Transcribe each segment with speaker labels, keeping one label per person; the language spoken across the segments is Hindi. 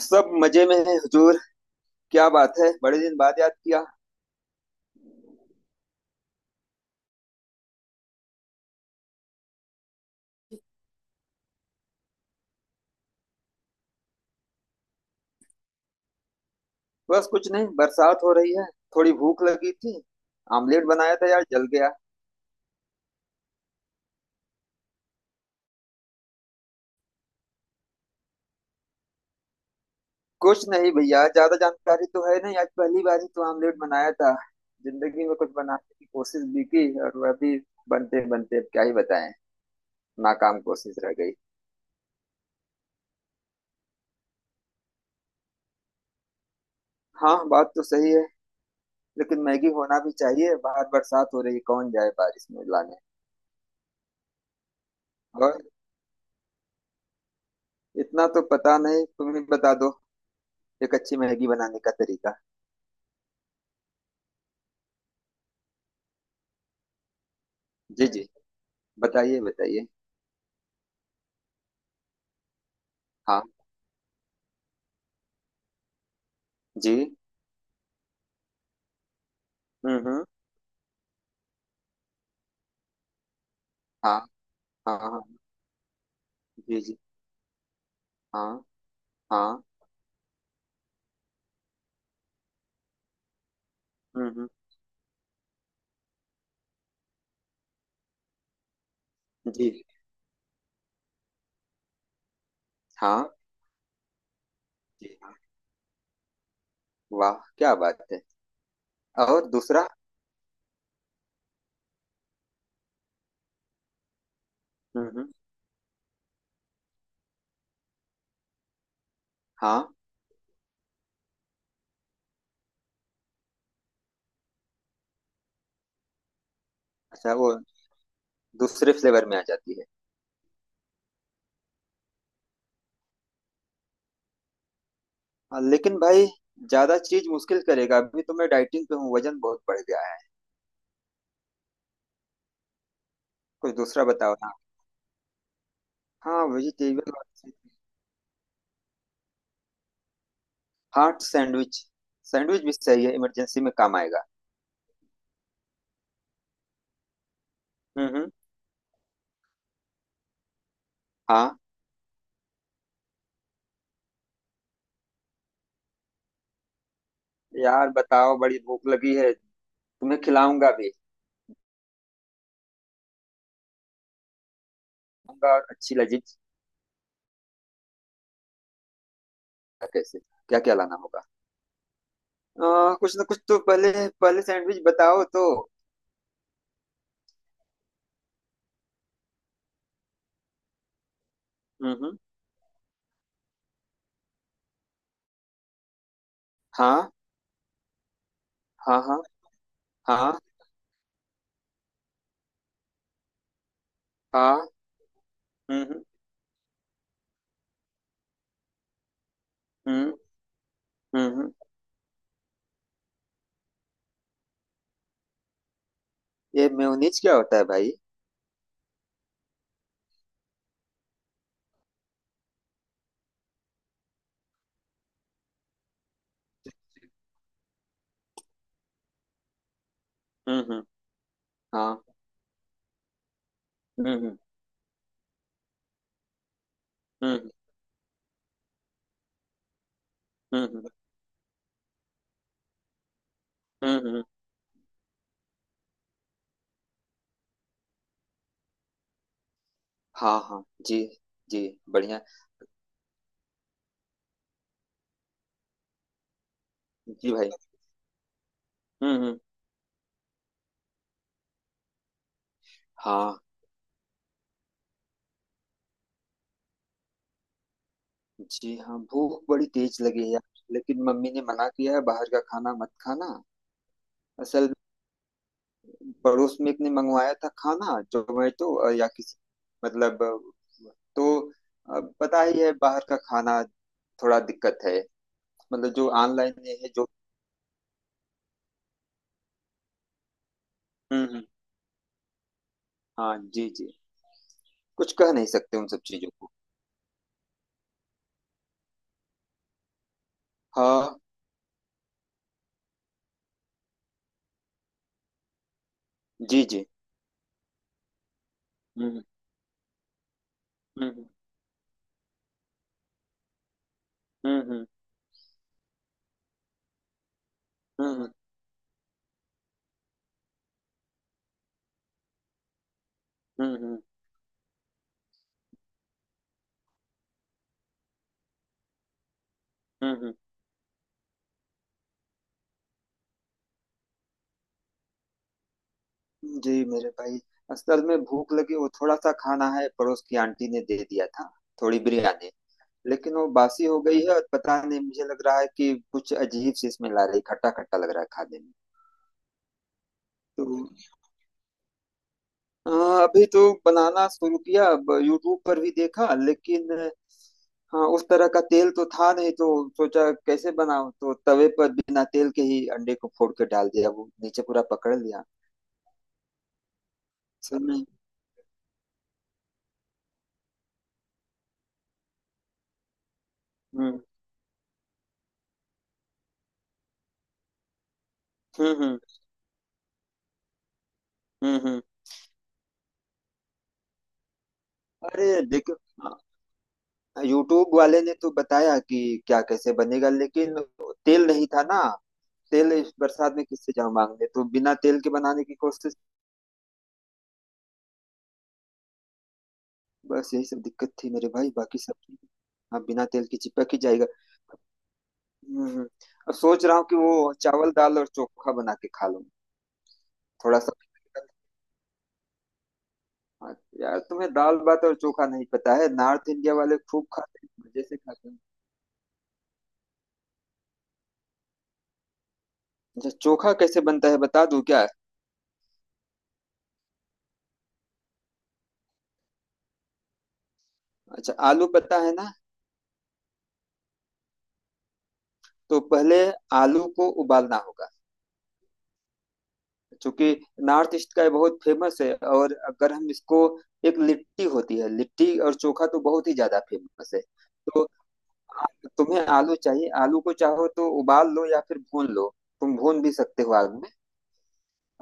Speaker 1: सब मजे में है हुजूर। क्या बात है, बड़े दिन बाद याद किया। बस कुछ नहीं, बरसात हो रही है। थोड़ी भूख लगी थी। आमलेट बनाया था यार, जल गया। कुछ नहीं भैया, ज्यादा जानकारी तो है नहीं, आज पहली बार ही तो आमलेट बनाया था। जिंदगी में कुछ बनाने की कोशिश भी की, और वह भी बनते बनते अब क्या ही बताएं। नाकाम कोशिश रह गई। हाँ, बात तो सही है। लेकिन मैगी होना भी चाहिए, बाहर बरसात हो रही है, कौन जाए बारिश में लाने। और इतना तो पता नहीं, तुम ही बता दो एक अच्छी मैगी बनाने का तरीका। जी जी, बताइए बताइए। हाँ। जी। हम्म। हाँ। हाँ। हाँ। जी जी। हाँ। हाँ। हम्म। जी हाँ। जी हाँ। वाह, क्या बात है। और दूसरा? हम्म, हम्म। हाँ। अच्छा, वो दूसरे फ्लेवर में आ जाती है। हाँ, लेकिन भाई ज्यादा चीज मुश्किल करेगा, अभी तो मैं डाइटिंग पे हूँ, वजन बहुत बढ़ गया है। कुछ दूसरा बताओ ना। हाँ वेजिटेबल, हार्ट सैंडविच, सैंडविच भी सही है, इमरजेंसी में काम आएगा। हम्म हम्म। हाँ। यार बताओ, बड़ी भूख लगी है, तुम्हें खिलाऊंगा भी। होगा अच्छी लजीज कैसे, क्या क्या लाना होगा। कुछ ना कुछ तो पहले, पहले सैंडविच बताओ तो। हम्म। हाँ। हाँ। हाँ। हाँ। हाँ। हम्म। हम्म हम्म। ये मेयोनीज क्या होता है भाई? हम्म। हाँ। हम्म। हम्म। हम्म। हम्म। हाँ हाँ जी जी। बढ़िया। जी भाई। हम्म। हाँ जी हाँ, भूख बड़ी तेज लगी है यार। लेकिन मम्मी ने मना किया है, बाहर का खाना मत खाना। असल, पड़ोस में एक ने मंगवाया था खाना, जोमेटो या किसी मतलब तो पता ही है, बाहर का खाना थोड़ा दिक्कत है, मतलब जो ऑनलाइन में है जो। हम्म हम्म, हाँ जी जी, कुछ कह नहीं सकते उन सब चीजों को। हाँ जी जी। हम्म हम्म हम्म हम्म हम्म हम्म। हम्म, हम्म। जी मेरे भाई, असल में भूख लगी, वो थोड़ा सा खाना है, पड़ोस की आंटी ने दे दिया था, थोड़ी बिरयानी। लेकिन वो बासी हो गई है और पता नहीं, मुझे लग रहा है कि कुछ अजीब सी इसमें ला रही, खट्टा खट्टा लग रहा है खाने में। तो अ, अभी तो बनाना शुरू किया, अब यूट्यूब पर भी देखा, लेकिन हाँ उस तरह का तेल तो था नहीं, तो सोचा कैसे बनाऊं, तो तवे पर बिना तेल के ही अंडे को फोड़ के डाल दिया, वो नीचे पूरा पकड़ लिया समझ। हम्म हम्म हम्म हम्म हम्म। अरे देखो, यूट्यूब वाले ने तो बताया कि क्या कैसे बनेगा, लेकिन तेल नहीं था ना, तेल इस बरसात में किससे जाऊं मांगने, तो बिना तेल के बनाने की कोशिश। बस यही सब दिक्कत थी मेरे भाई, बाकी सब ठीक है। हाँ बिना तेल की चिपक ही जाएगा। हम्म। अब सोच रहा हूँ कि वो चावल दाल और चोखा बना के खा लूँ। थोड़ा सा। हाँ, यार तुम्हें दाल भात और चोखा नहीं पता है, नॉर्थ इंडिया वाले खूब खाते हैं, मजे से खाते हैं। अच्छा, चोखा कैसे बनता है बता दूं क्या? अच्छा, आलू पता है ना। तो पहले आलू को उबालना होगा, चूंकि नॉर्थ ईस्ट का ये बहुत फेमस है। और अगर हम इसको, एक लिट्टी होती है, लिट्टी और चोखा तो बहुत ही ज्यादा फेमस है। तो आ- तुम्हें आलू चाहिए, आलू को चाहो तो उबाल लो या फिर भून लो, तुम भून भी सकते हो आग में।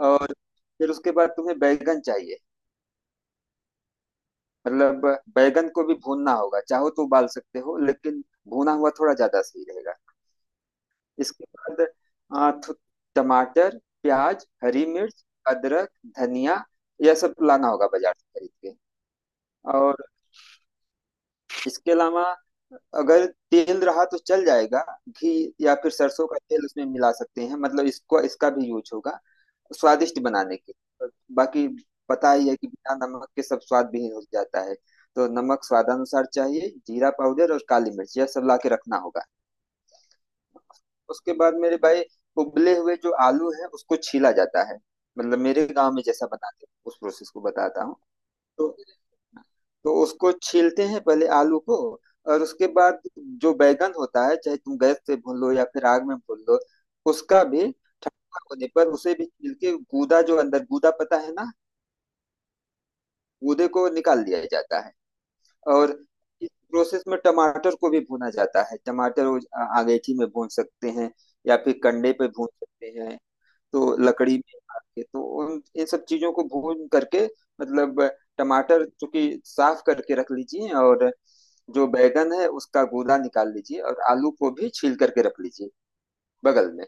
Speaker 1: और फिर उसके बाद तुम्हें बैगन चाहिए, मतलब बैगन को भी भूनना होगा, चाहो तो उबाल सकते हो लेकिन भुना हुआ थोड़ा ज्यादा सही रहेगा। इसके बाद आ, थु- टमाटर, प्याज, हरी मिर्च, अदरक, धनिया, यह सब लाना होगा बाजार से खरीद के। और इसके अलावा, अगर तेल रहा तो चल जाएगा, घी या फिर सरसों का तेल उसमें मिला सकते हैं, मतलब इसको इसका भी यूज होगा स्वादिष्ट बनाने के। और बाकी पता ही है कि बिना नमक के सब स्वाद विहीन हो जाता है, तो नमक स्वादानुसार चाहिए, जीरा पाउडर और काली मिर्च यह सब ला के रखना होगा। उसके बाद मेरे भाई, उबले हुए जो आलू है उसको छीला जाता है, मतलब मेरे गांव में जैसा बनाते हैं उस प्रोसेस को बताता हूँ। तो तो उसको छीलते हैं पहले आलू को। और उसके बाद, जो बैगन होता है, चाहे तुम गैस से भून लो या फिर आग में भून लो, उसका भी ठंडा होने पर उसे भी छील के, गूदा, जो अंदर गूदा पता है ना, गूदे को निकाल दिया जाता है। और इस प्रोसेस में टमाटर को भी भुना जाता है, टमाटर वो अमेठी में भून सकते हैं, या फिर कंडे पे भून सकते हैं। तो लकड़ी में काट के, तो उन इन सब चीजों को भून करके, मतलब टमाटर चूंकि साफ करके रख लीजिए, और जो बैगन है उसका गूदा निकाल लीजिए, और आलू को भी छील करके रख लीजिए बगल में।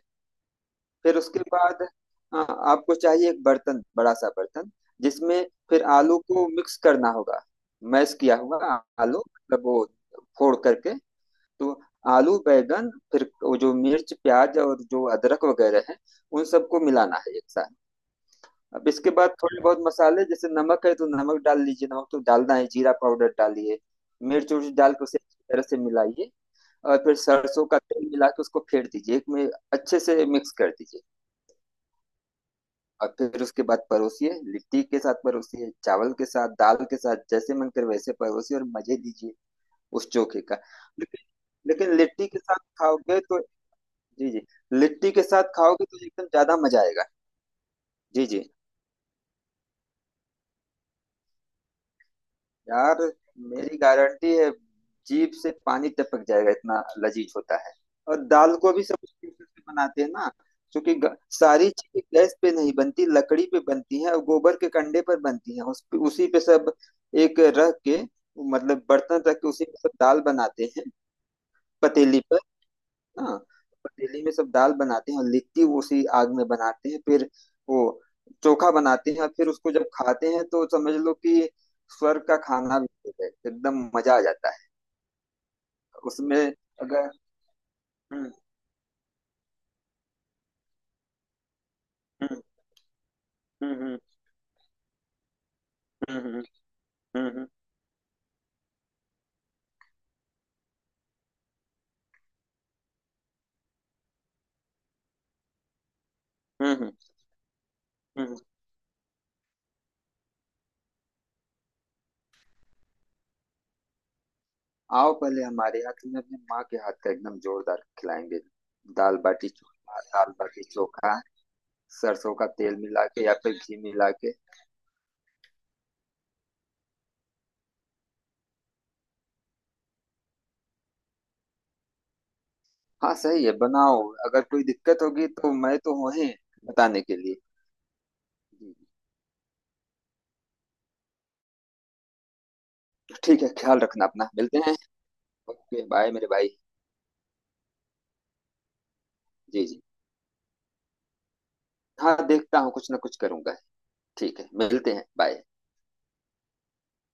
Speaker 1: फिर उसके बाद आपको चाहिए एक बर्तन, बड़ा सा बर्तन जिसमें फिर आलू को मिक्स करना होगा, मैश किया हुआ आलू, मतलब वो फोड़ करके। तो आलू, बैगन, फिर वो जो मिर्च प्याज और जो अदरक वगैरह है, उन सबको मिलाना है एक साथ। अब इसके बाद थोड़े बहुत मसाले, जैसे नमक है तो नमक डाल लीजिए, नमक तो डालना है, जीरा पाउडर डालिए, मिर्च उर्च डाल के उसे अच्छी तरह से मिलाइए। और फिर सरसों का तेल मिला के उसको फेर दीजिए एक में, अच्छे से मिक्स कर दीजिए। और फिर उसके बाद परोसिए, लिट्टी के साथ परोसिए, चावल के साथ, दाल के साथ, जैसे मन करे वैसे परोसिए, और मजे लीजिए उस चोखे का। लेकिन लेकिन लिट्टी के साथ खाओगे तो। जी जी, लिट्टी के साथ खाओगे तो एकदम ज्यादा मजा आएगा। जी जी। यार, मेरी गारंटी है, जीभ से पानी टपक जाएगा, इतना लजीज होता है। और दाल को भी सब उसी प्रोसेस से बनाते हैं ना, क्योंकि सारी चीजें गैस पे नहीं बनती, लकड़ी पे बनती हैं और गोबर के कंडे पर बनती हैं, उस पे, उसी पे सब। एक रख के, मतलब बर्तन रख के उसी पे सब दाल बनाते हैं, पतीली पर। हाँ। पतीली में सब दाल बनाते हैं और लिट्टी वो उसी आग में बनाते हैं, फिर वो चोखा बनाते हैं, और फिर उसको जब खाते हैं तो समझ लो कि स्वर्ग का खाना भी हो गया, एकदम मजा आ जाता है। उसमें अगर। हम्म हम्म हम्म हम्म हम्म हम्म हम्म हम्म। हम्म, हम्म, हम्म। आओ पहले हमारे यहाँ, तुम्हें अपनी माँ के हाथ का एकदम जोरदार खिलाएंगे। दाल बाटी चोखा, दाल बाटी चोखा। सरसों का तेल मिला के या फिर घी मिला के। हाँ सही है, बनाओ। अगर कोई दिक्कत होगी तो मैं तो हूँ ही बताने के लिए। ठीक है, ख्याल रखना अपना, मिलते हैं। ओके बाय मेरे भाई। जी जी। हाँ देखता हूँ, कुछ ना कुछ करूंगा। ठीक है, मिलते हैं, बाय।